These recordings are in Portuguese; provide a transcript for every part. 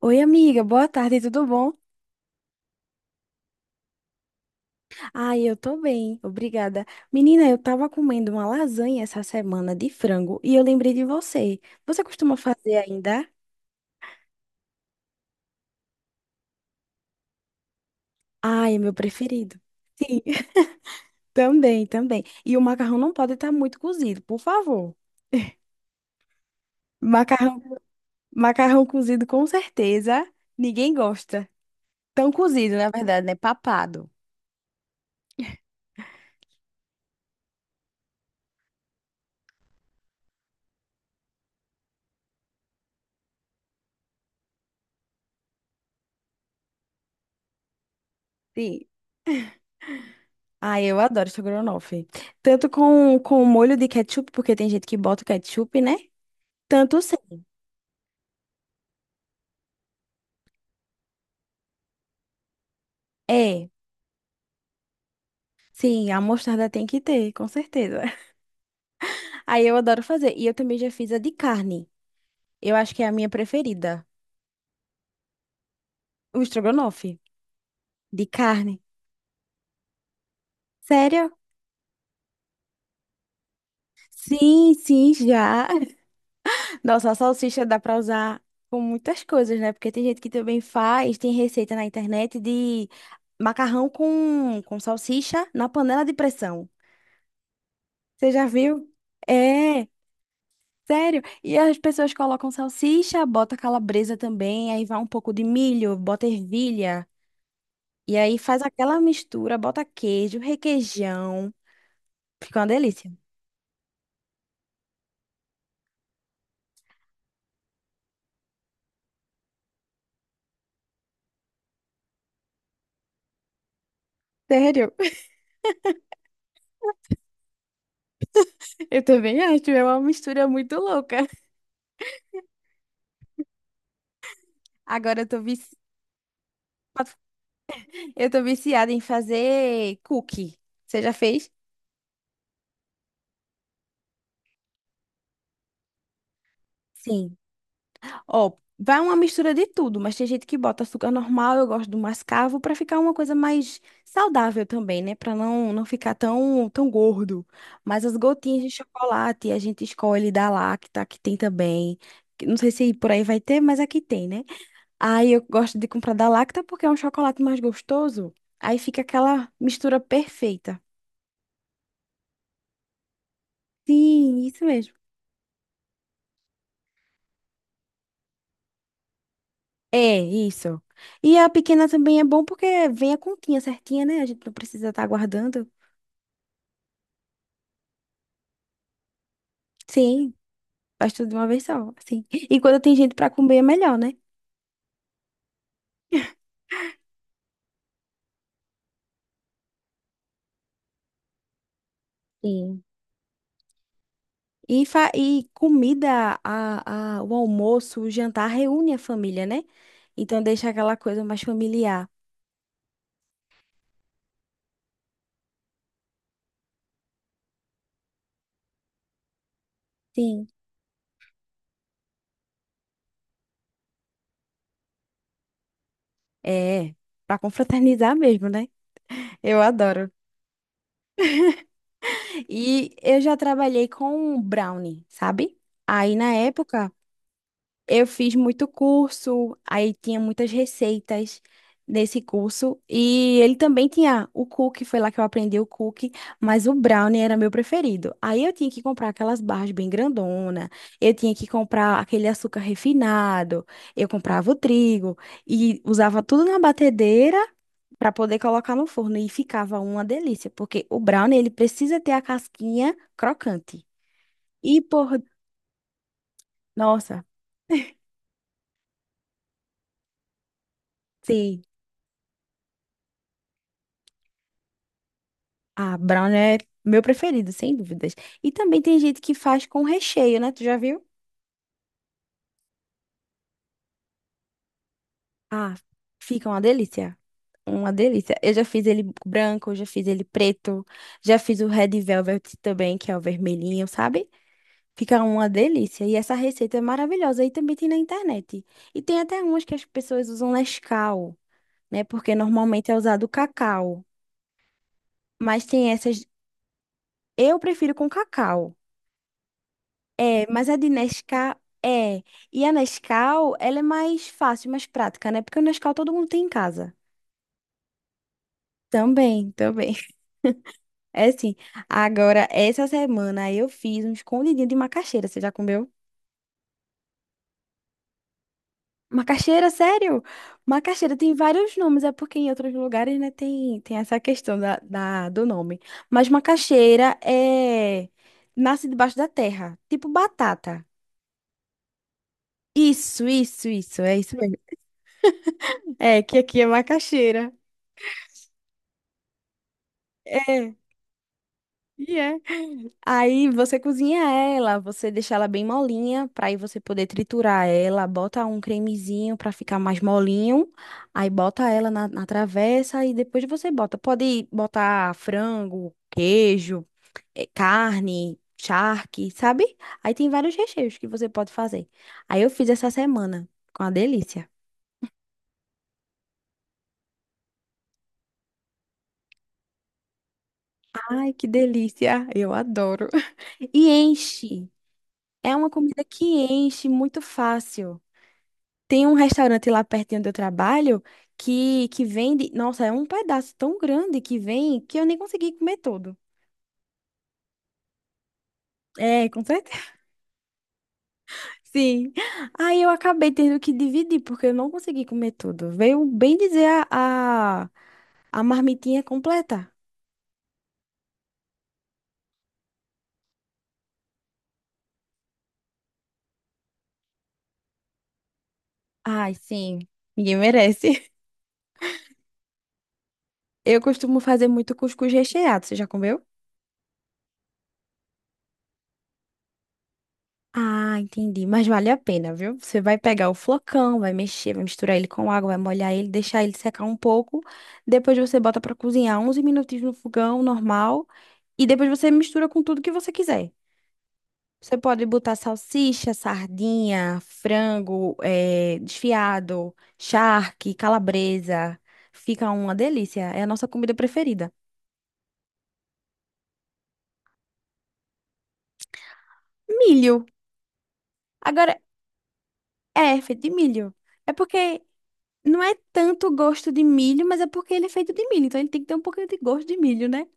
Oi, amiga, boa tarde, tudo bom? Ai, eu tô bem, obrigada. Menina, eu tava comendo uma lasanha essa semana de frango e eu lembrei de você. Você costuma fazer ainda? Ai, é meu preferido. Sim, também, também. E o macarrão não pode estar muito cozido, por favor. Macarrão, macarrão cozido com certeza, ninguém gosta. Tão cozido, na verdade, né? Papado. Sim. Ah, eu adoro estrogonofe. Tanto com molho de ketchup, porque tem gente que bota o ketchup, né? Tanto é, sim, a mostarda tem que ter, com certeza. Aí eu adoro fazer. E eu também já fiz a de carne. Eu acho que é a minha preferida. O estrogonofe de carne. Sério? Sim, sim, já. Nossa, a salsicha dá pra usar com muitas coisas, né? Porque tem gente que também faz, tem receita na internet de macarrão com salsicha na panela de pressão. Você já viu? É. Sério? E as pessoas colocam salsicha, bota calabresa também, aí vai um pouco de milho, bota ervilha, e aí faz aquela mistura, bota queijo, requeijão. Fica uma delícia. Sério? Eu também acho, é uma mistura muito louca. Agora eu tô vici... eu tô viciada em fazer cookie. Você já fez? Sim. Ó, vai uma mistura de tudo, mas tem gente que bota açúcar normal, eu gosto do mascavo para ficar uma coisa mais saudável também, né? Para não ficar tão gordo. Mas as gotinhas de chocolate a gente escolhe da Lacta, que tem também. Que não sei se por aí vai ter, mas aqui tem, né? Aí eu gosto de comprar da Lacta porque é um chocolate mais gostoso. Aí fica aquela mistura perfeita. Sim, isso mesmo. É, isso. E a pequena também é bom porque vem a continha certinha, né? A gente não precisa estar guardando. Sim, faz tudo de uma vez só, assim. E quando tem gente pra comer é melhor, né? Sim. E, fa e comida, o almoço, o jantar reúne a família, né? Então deixa aquela coisa mais familiar. Sim. É, pra confraternizar mesmo, né? Eu adoro. E eu já trabalhei com brownie, sabe? Aí na época eu fiz muito curso, aí tinha muitas receitas nesse curso. E ele também tinha o cookie, foi lá que eu aprendi o cookie, mas o brownie era meu preferido. Aí eu tinha que comprar aquelas barras bem grandona, eu tinha que comprar aquele açúcar refinado, eu comprava o trigo e usava tudo na batedeira para poder colocar no forno e ficava uma delícia, porque o brownie ele precisa ter a casquinha crocante. E por, nossa, sim. Ah, brown é meu preferido, sem dúvidas. E também tem gente que faz com recheio, né? Tu já viu? Ah, fica uma delícia. Uma delícia. Eu já fiz ele branco, já fiz ele preto, já fiz o red velvet também, que é o vermelhinho, sabe? Fica uma delícia. E essa receita é maravilhosa. E também tem na internet. E tem até umas que as pessoas usam Nescau, né? Porque normalmente é usado cacau. Mas tem essas. Eu prefiro com cacau. É, mas a de Nescau é. E a Nescau, ela é mais fácil, mais prática, né? Porque o Nescau todo mundo tem em casa. Também, também. É assim. Agora, essa semana eu fiz um escondidinho de macaxeira. Você já comeu? Macaxeira, sério? Macaxeira tem vários nomes, é porque em outros lugares, né, tem, tem essa questão do nome. Mas macaxeira é. Nasce debaixo da terra, tipo batata. Isso, é isso mesmo. É, que aqui é macaxeira. É. E é. Aí você cozinha ela, você deixa ela bem molinha, pra aí você poder triturar ela, bota um cremezinho pra ficar mais molinho, aí bota ela na, na travessa e depois você bota. Pode botar frango, queijo, carne, charque, sabe? Aí tem vários recheios que você pode fazer. Aí eu fiz essa semana, com uma delícia. Ai, que delícia! Eu adoro. E enche. É uma comida que enche muito fácil. Tem um restaurante lá pertinho do trabalho que vende. Nossa, é um pedaço tão grande que vem que eu nem consegui comer todo. É, com certeza. Sim. Aí eu acabei tendo que dividir, porque eu não consegui comer tudo. Veio bem dizer a marmitinha completa. Ai, sim. Ninguém merece. Eu costumo fazer muito cuscuz recheado. Você já comeu? Ah, entendi. Mas vale a pena, viu? Você vai pegar o flocão, vai mexer, vai misturar ele com água, vai molhar ele, deixar ele secar um pouco. Depois você bota pra cozinhar 11 minutinhos no fogão normal. E depois você mistura com tudo que você quiser. Você pode botar salsicha, sardinha, frango, desfiado, charque, calabresa. Fica uma delícia. É a nossa comida preferida. Milho. Agora, é, é feito de milho. É porque não é tanto gosto de milho, mas é porque ele é feito de milho, então ele tem que ter um pouquinho de gosto de milho, né?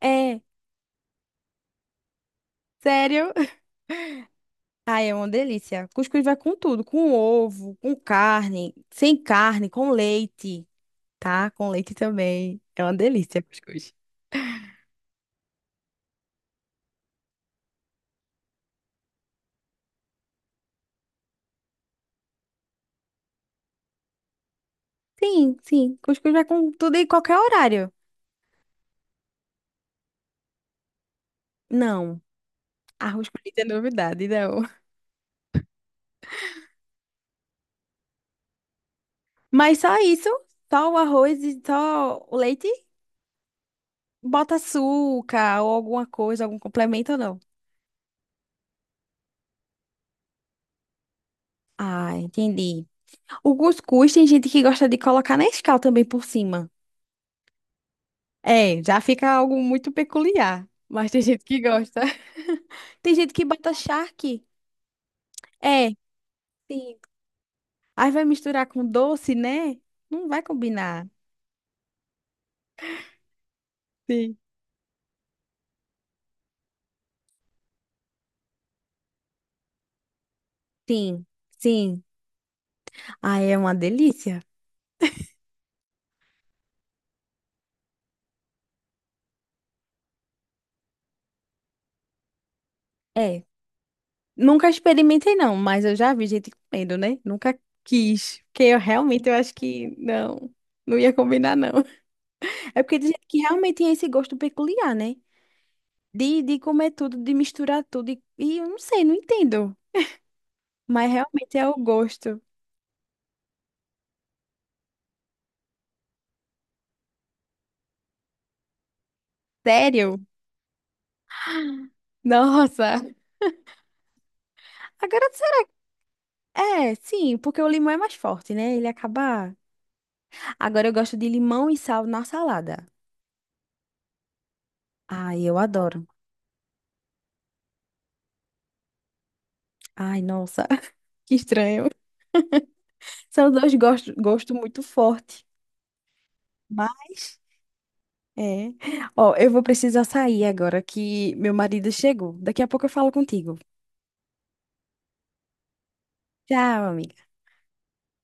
É, sério. Ai, é uma delícia. Cuscuz vai com tudo, com ovo, com carne, sem carne, com leite, tá? Com leite também. É uma delícia, cuscuz. Sim, sim. Cuscuz vai com tudo e qualquer horário. Não, arroz com leite é novidade, não. Mas só isso, só o arroz e só o leite, bota açúcar ou alguma coisa, algum complemento ou não? Ah, entendi. O cuscuz tem gente que gosta de colocar Nescau também por cima. É, já fica algo muito peculiar. Mas tem gente que gosta. Tem gente que bota charque. É, sim. Aí vai misturar com doce, né? Não vai combinar. Sim. Sim, sim. Aí é uma delícia. É. Nunca experimentei, não, mas eu já vi gente comendo, né? Nunca quis. Porque eu realmente eu acho que não, não ia combinar, não. É porque tem gente que realmente tem esse gosto peculiar, né? De comer tudo, de misturar tudo. E eu não sei, não entendo. Mas realmente é o gosto. Sério? Nossa. Agora, sério. É, sim, porque o limão é mais forte, né? Ele acaba. Agora eu gosto de limão e sal na salada. Ai, eu adoro. Ai, nossa, que estranho. São dois gostos gosto muito forte. Mas, é. Ó, eu vou precisar sair agora que meu marido chegou. Daqui a pouco eu falo contigo. Tchau, amiga.